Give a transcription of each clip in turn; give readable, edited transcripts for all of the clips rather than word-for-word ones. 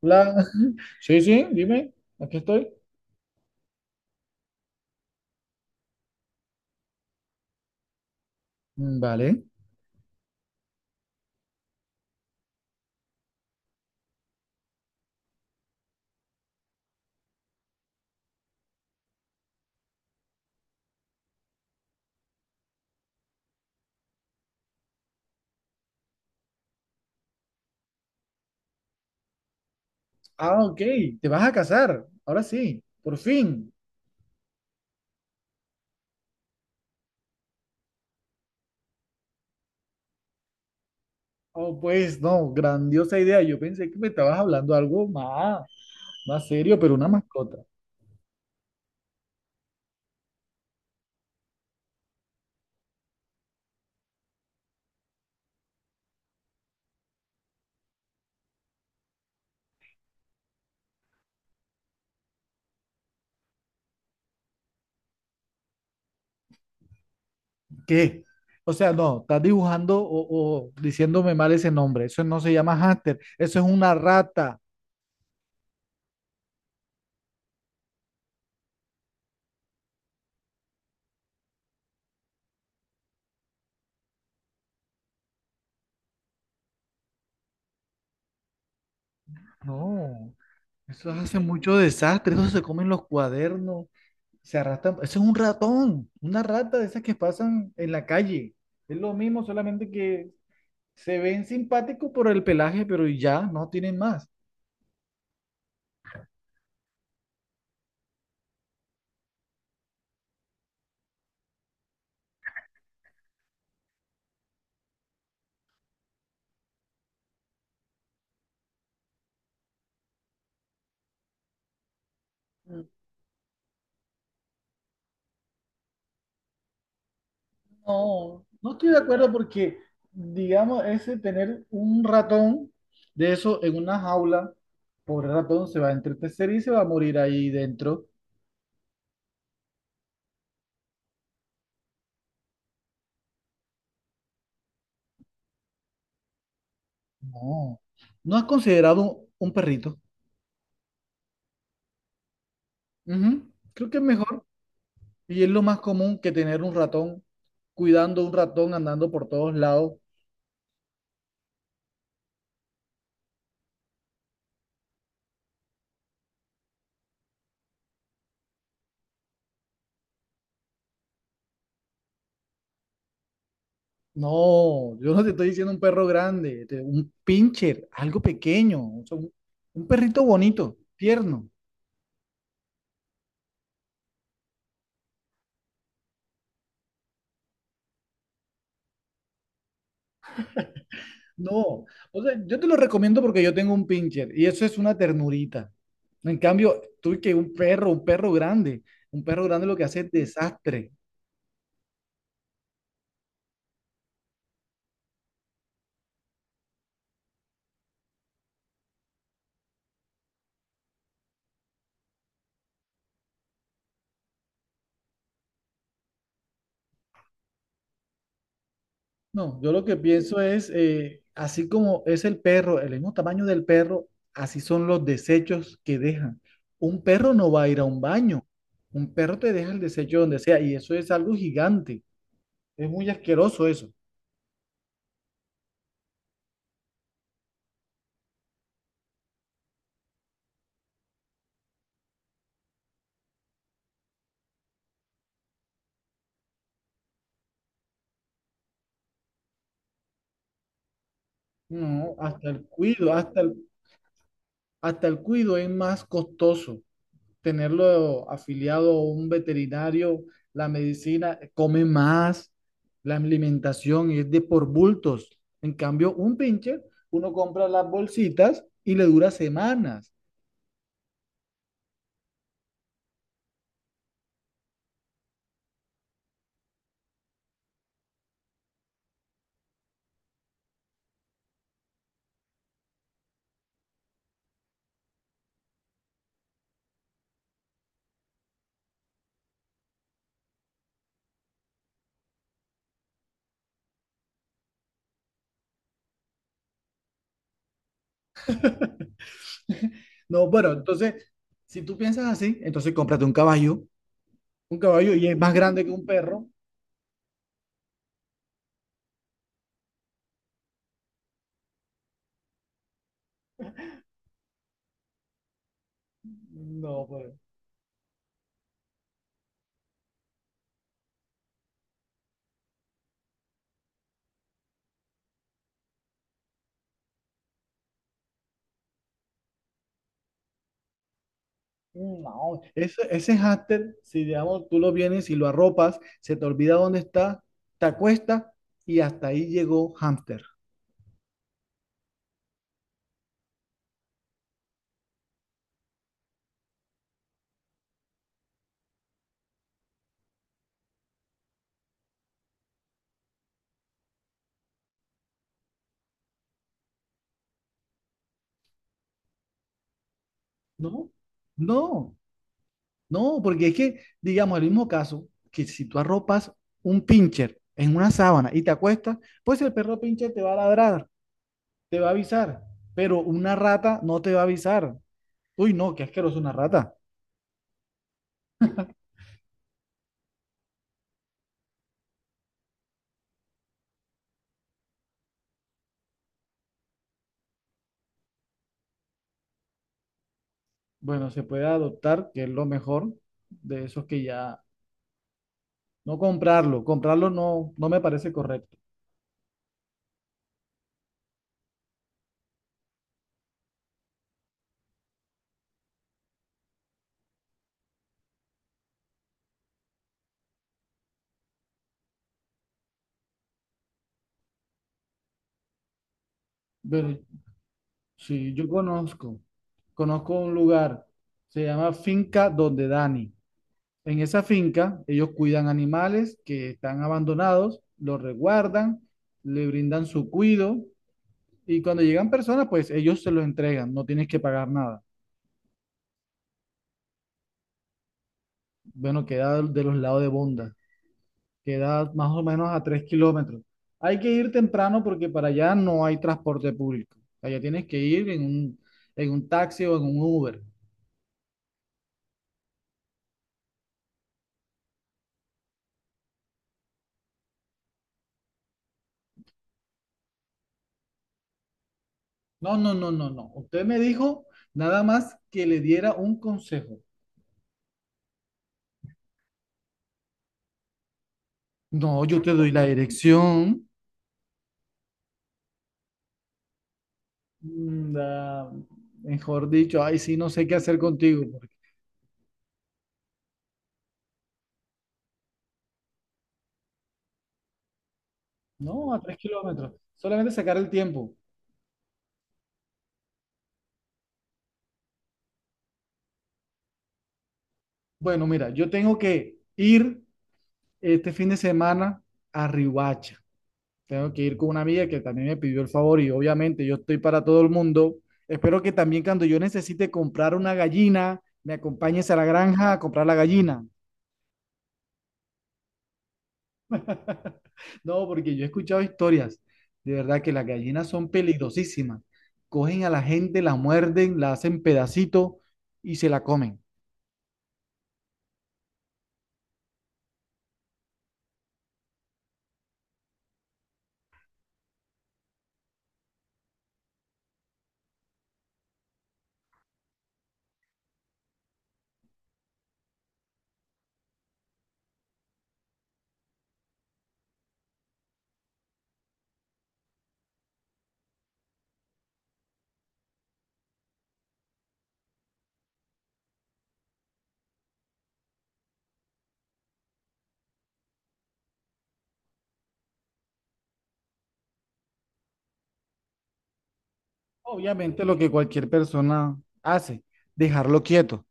Hola. Sí, sí, dime, aquí estoy. Mm, vale. Ah, ok, te vas a casar, ahora sí, por fin. Oh, pues no, grandiosa idea. Yo pensé que me estabas hablando algo más, más serio, pero una mascota. ¿Qué? O sea, no, estás dibujando o diciéndome mal ese nombre. Eso no se llama hámster, eso es una rata. No, eso hace mucho desastre, eso se come en los cuadernos. Se arrastran. Eso es un ratón, una rata de esas que pasan en la calle. Es lo mismo, solamente que se ven simpáticos por el pelaje, pero ya no tienen más. No, no estoy de acuerdo porque, digamos, ese tener un ratón de eso en una jaula, pobre ratón, se va a entretecer y se va a morir ahí dentro. No, ¿no has considerado un perrito? Ujú, creo que es mejor. Y es lo más común que tener un ratón cuidando un ratón andando por todos lados. No, yo no te estoy diciendo un perro grande, un pincher, algo pequeño, o sea, un perrito bonito, tierno. No, o sea, yo te lo recomiendo porque yo tengo un pincher y eso es una ternurita. En cambio, tú que un perro grande lo que hace es desastre. No, yo lo que pienso es, así como es el perro, el mismo tamaño del perro, así son los desechos que dejan. Un perro no va a ir a un baño, un perro te deja el desecho donde sea y eso es algo gigante, es muy asqueroso eso. No, hasta el cuido, hasta el cuido es más costoso. Tenerlo afiliado a un veterinario, la medicina, come más, la alimentación es de por bultos. En cambio, un pincher, uno compra las bolsitas y le dura semanas. No, bueno, entonces, si tú piensas así, entonces cómprate un caballo y es más grande que un perro. No, pues, no. Ese hámster, si digamos, tú lo vienes y lo arropas, se te olvida dónde está, te acuestas y hasta ahí llegó hámster. No, no, no, porque es que, digamos, el mismo caso, que si tú arropas un pincher en una sábana y te acuestas, pues el perro pincher te va a ladrar, te va a avisar, pero una rata no te va a avisar. Uy, no, qué asqueroso una rata. Bueno, se puede adoptar, que es lo mejor de esos que ya, no comprarlo, comprarlo no, no me parece correcto. Pero sí, yo conozco, conozco un lugar, se llama Finca Donde Dani. En esa finca, ellos cuidan animales que están abandonados, los resguardan, le brindan su cuido y cuando llegan personas, pues ellos se los entregan, no tienes que pagar nada. Bueno, queda de los lados de Bonda, queda más o menos a 3 kilómetros. Hay que ir temprano porque para allá no hay transporte público. Allá tienes que ir en en un taxi o en un Uber. No, no, no, no, no. Usted me dijo nada más que le diera un consejo. No, yo te doy la dirección. Mm, mejor dicho, ay, sí, no sé qué hacer contigo. Porque... no, a 3 kilómetros. Solamente sacar el tiempo. Bueno, mira, yo tengo que ir este fin de semana a Riohacha. Tengo que ir con una amiga que también me pidió el favor y obviamente yo estoy para todo el mundo. Espero que también cuando yo necesite comprar una gallina, me acompañes a la granja a comprar la gallina. No, porque yo he escuchado historias, de verdad que las gallinas son peligrosísimas. Cogen a la gente, la muerden, la hacen pedacito y se la comen. Obviamente lo que cualquier persona hace, dejarlo quieto.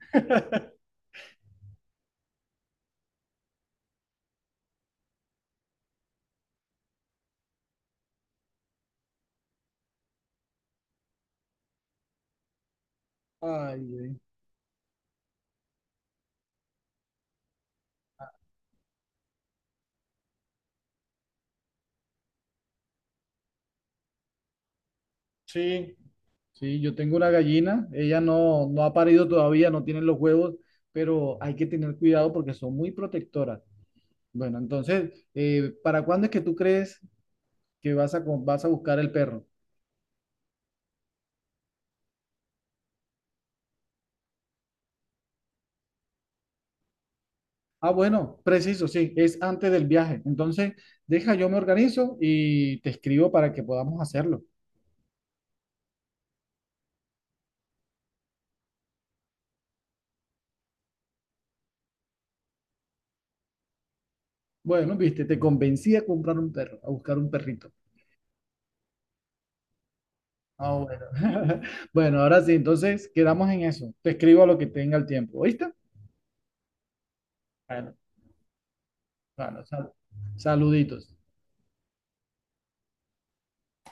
Ay, güey. Sí, sí, yo tengo una gallina, ella no, no ha parido todavía, no tiene los huevos, pero hay que tener cuidado porque son muy protectoras. Bueno, entonces, ¿para cuándo es que tú crees que vas a, vas a buscar el perro? Ah, bueno, preciso, sí, es antes del viaje. Entonces, deja, yo me organizo y te escribo para que podamos hacerlo. Bueno, viste, te convencí a comprar un perro, a buscar un perrito. Ah, bueno. Bueno, ahora sí, entonces quedamos en eso. Te escribo a lo que tenga el tiempo, ¿oíste? Bueno, bueno, saluditos.